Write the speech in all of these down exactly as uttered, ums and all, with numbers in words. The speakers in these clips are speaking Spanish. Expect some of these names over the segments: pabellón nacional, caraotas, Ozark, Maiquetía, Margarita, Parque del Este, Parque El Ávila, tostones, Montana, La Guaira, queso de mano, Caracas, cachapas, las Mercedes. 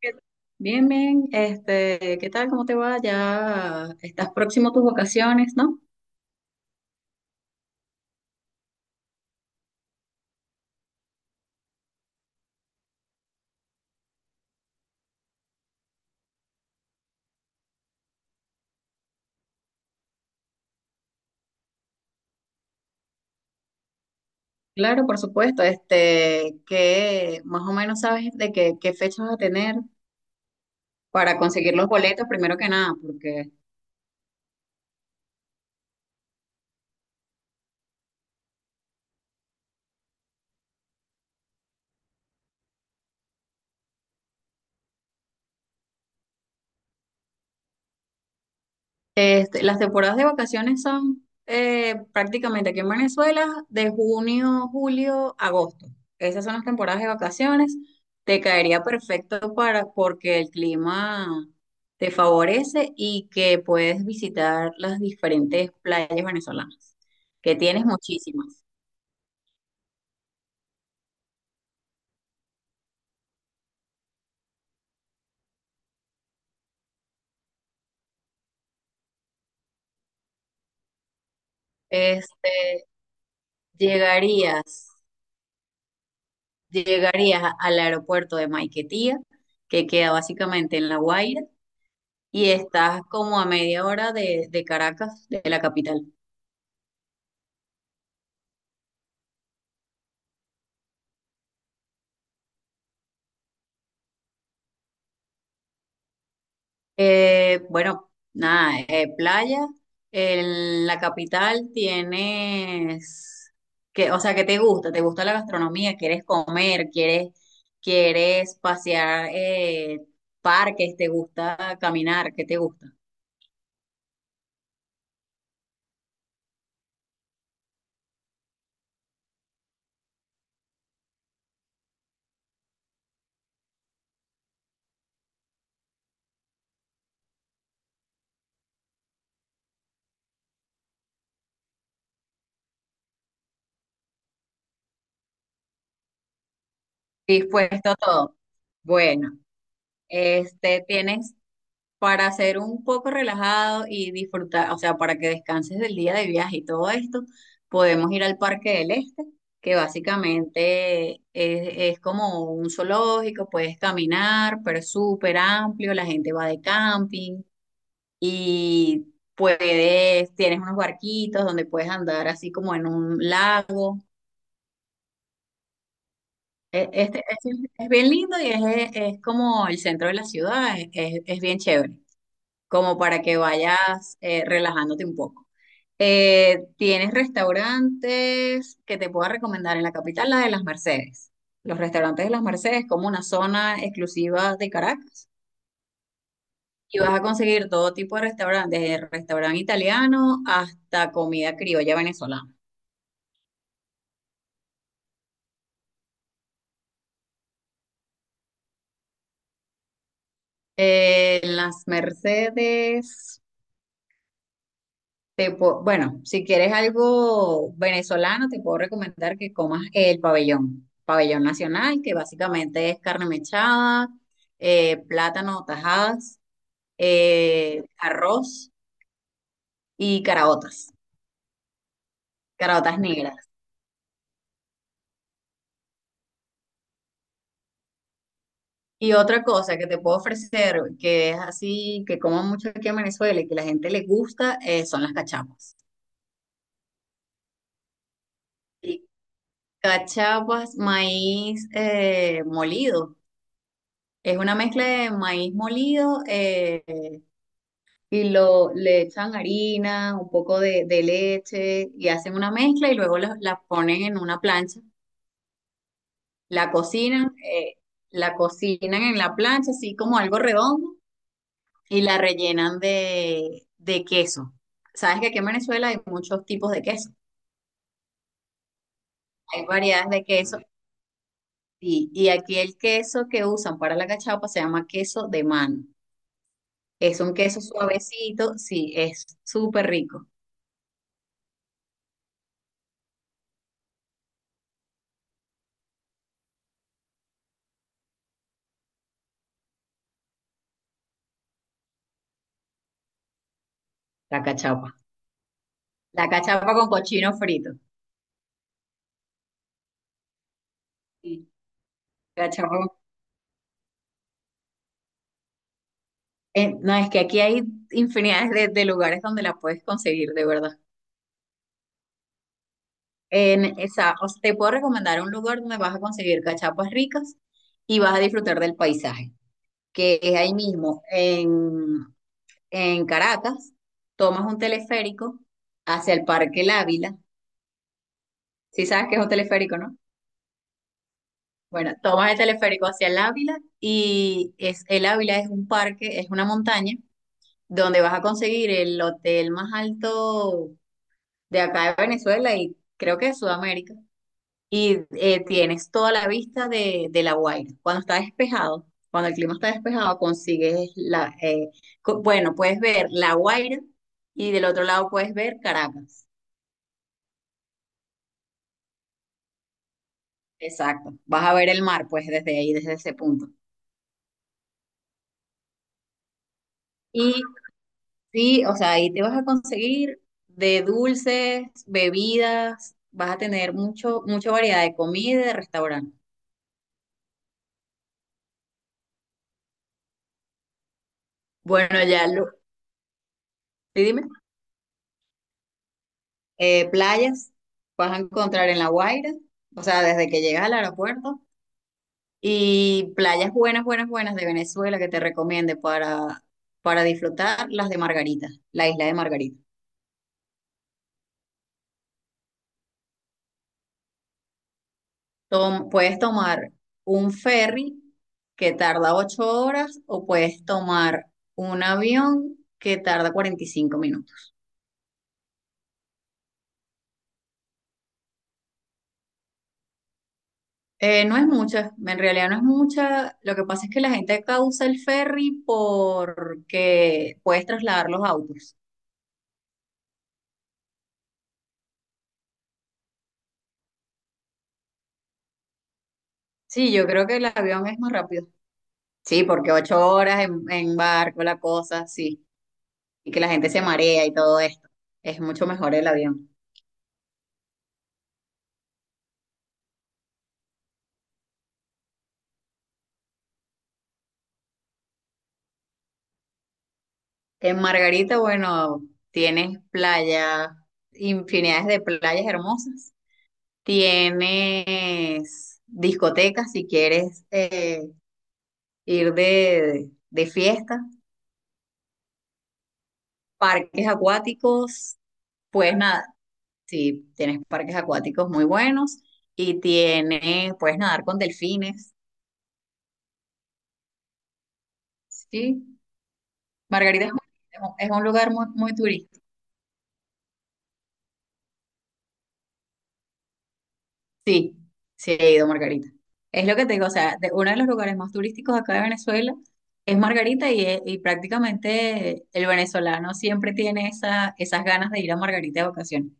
¿Qué- Bien, bien, este, ¿qué tal? ¿Cómo te va? Ya estás próximo a tus vacaciones, ¿no? Claro, por supuesto, este, que más o menos sabes de qué, qué fecha vas a tener para conseguir los boletos, primero que nada, porque Este, las temporadas de vacaciones son eh, prácticamente aquí en Venezuela de junio, julio, agosto. Esas son las temporadas de vacaciones. Te caería perfecto para porque el clima te favorece y que puedes visitar las diferentes playas venezolanas, que tienes muchísimas. Este, llegarías, llegarías al aeropuerto de Maiquetía, que queda básicamente en La Guaira y estás como a media hora de, de Caracas, de la capital. Eh, bueno, nada, eh, playa. En la capital tienes que, o sea, que te gusta, te gusta la gastronomía, quieres comer, quieres, quieres pasear eh, parques, te gusta caminar, ¿qué te gusta? Dispuesto a todo. Bueno, este, tienes para ser un poco relajado y disfrutar, o sea, para que descanses del día de viaje y todo esto, podemos ir al Parque del Este, que básicamente es, es como un zoológico, puedes caminar, pero es súper amplio, la gente va de camping y puedes, tienes unos barquitos donde puedes andar así como en un lago. E- Este, es, es bien lindo y es, es como el centro de la ciudad, es, es es bien chévere, como para que vayas eh, relajándote un poco. Eh, ¿tienes restaurantes que te pueda recomendar en la capital, la de las Mercedes? Los restaurantes de las Mercedes, como una zona exclusiva de Caracas. Y vas a conseguir todo tipo de restaurantes, desde restaurante italiano hasta comida criolla venezolana. Eh, en las Mercedes. Te po- bueno, si quieres algo venezolano, te puedo recomendar que comas el pabellón, pabellón nacional, que básicamente es carne mechada, eh, plátano, tajadas, eh, arroz y caraotas, caraotas negras. Y otra cosa que te puedo ofrecer, que es así, que como mucho aquí en Venezuela y que la gente le gusta, eh, son las cachapas. Y cachapas, maíz eh, molido. Es una mezcla de maíz molido, eh, y lo, le echan harina, un poco de, de leche y hacen una mezcla y luego la, la ponen en una plancha, la cocinan, eh, la cocinan en la plancha así como algo redondo y la rellenan de, de queso. Sabes que aquí en Venezuela hay muchos tipos de queso, hay variedades de queso y, y aquí el queso que usan para la cachapa se llama queso de mano. Es un queso suavecito, sí, es súper rico la cachapa. La cachapa con cochino frito. Sí. Cachorro. Eh, no, es que aquí hay infinidades de, de lugares donde la puedes conseguir, de verdad. En esa, o sea, te puedo recomendar un lugar donde vas a conseguir cachapas ricas y vas a disfrutar del paisaje, que es ahí mismo, en, en Caracas, tomas un teleférico hacia el Parque El Ávila, si sabes que es un teleférico, ¿no? Bueno, tomas el teleférico hacia el Ávila y es, el Ávila es un parque, es una montaña donde vas a conseguir el hotel más alto de acá de Venezuela y creo que de Sudamérica. Y eh, tienes toda la vista de, de La Guaira. Cuando está despejado, cuando el clima está despejado, consigues la... eh, co- bueno, puedes ver La Guaira y del otro lado puedes ver Caracas. Exacto. Vas a ver el mar, pues, desde ahí, desde ese punto. Y sí, o sea, ahí te vas a conseguir de dulces, bebidas, vas a tener mucho, mucha variedad de comida y de restaurante. Bueno, ya lo... ¿Sí, dime? Eh, playas, vas a encontrar en La Guaira, o sea, desde que llegas al aeropuerto, y playas buenas, buenas, buenas de Venezuela que te recomiende para, para disfrutar las de Margarita, la isla de Margarita. Tom- puedes tomar un ferry que tarda ocho horas o puedes tomar un avión que tarda cuarenta y cinco minutos. Eh, no es mucha, en realidad no es mucha. Lo que pasa es que la gente causa el ferry porque puedes trasladar los autos. Sí, yo creo que el avión es más rápido. Sí, porque ocho horas en, en barco, la cosa, sí. Y que la gente se marea y todo esto. Es mucho mejor el avión. En Margarita, bueno, tienes playa, infinidades de playas hermosas. Tienes discotecas si quieres eh, ir de, de fiesta. Parques acuáticos, pues nada, sí, tienes parques acuáticos muy buenos. Y tienes, puedes nadar con delfines. Sí, Margarita es, muy- es un es un lugar muy, muy turístico. Sí, sí he ido a Margarita. Es lo que te digo, o sea, de- uno de los lugares más turísticos acá de Venezuela es Margarita y, e- y prácticamente el venezolano siempre tiene esa, esas ganas de ir a Margarita de vacaciones.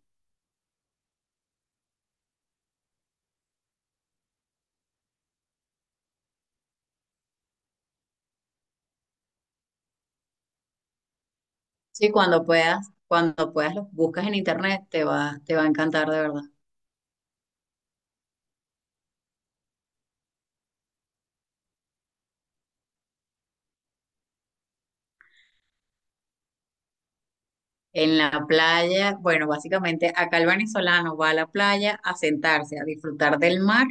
Sí, cuando puedas, cuando puedas lo buscas en internet, te va, te va a encantar de verdad. En la playa, bueno, básicamente acá el venezolano va a la playa a sentarse, a disfrutar del mar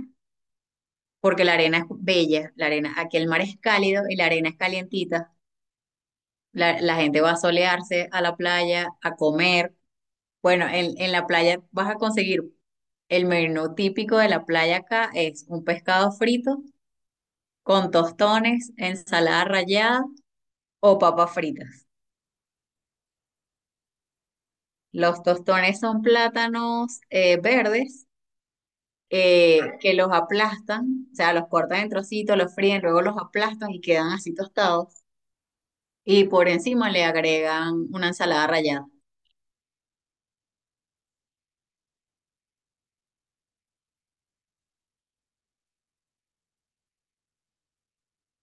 porque la arena es bella, la arena, aquí el mar es cálido y la arena es calientita. La, la gente va a solearse a la playa, a comer. Bueno, en, en la playa vas a conseguir el menú típico de la playa acá es un pescado frito con tostones, ensalada rallada o papas fritas. Los tostones son plátanos eh, verdes eh, que los aplastan, o sea, los cortan en trocitos, los fríen, luego los aplastan y quedan así tostados. Y por encima le agregan una ensalada rallada.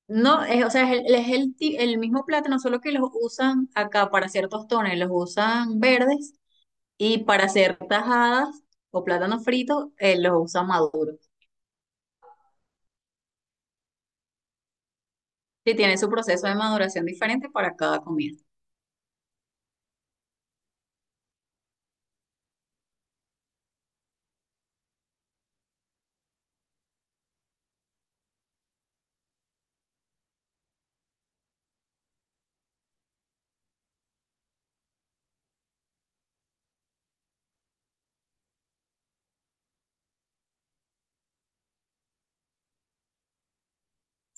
No, es, o sea, es, el, es el, ti- el mismo plátano, solo que los usan acá para hacer tostones, los usan verdes y para hacer tajadas o plátanos fritos, eh, los usan maduros. Sí, tiene su proceso de maduración diferente para cada comida.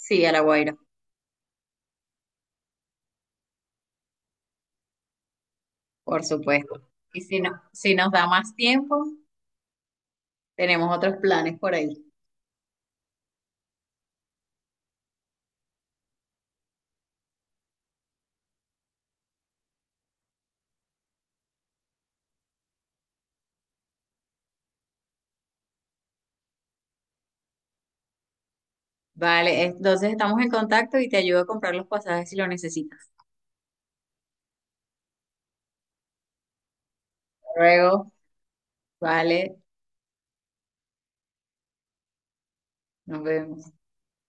Sí, a la Guaira, por supuesto. Y si, no, si nos da más tiempo, tenemos otros planes por ahí. Vale, entonces estamos en contacto y te ayudo a comprar los pasajes si lo necesitas. Hasta luego, vale, nos vemos.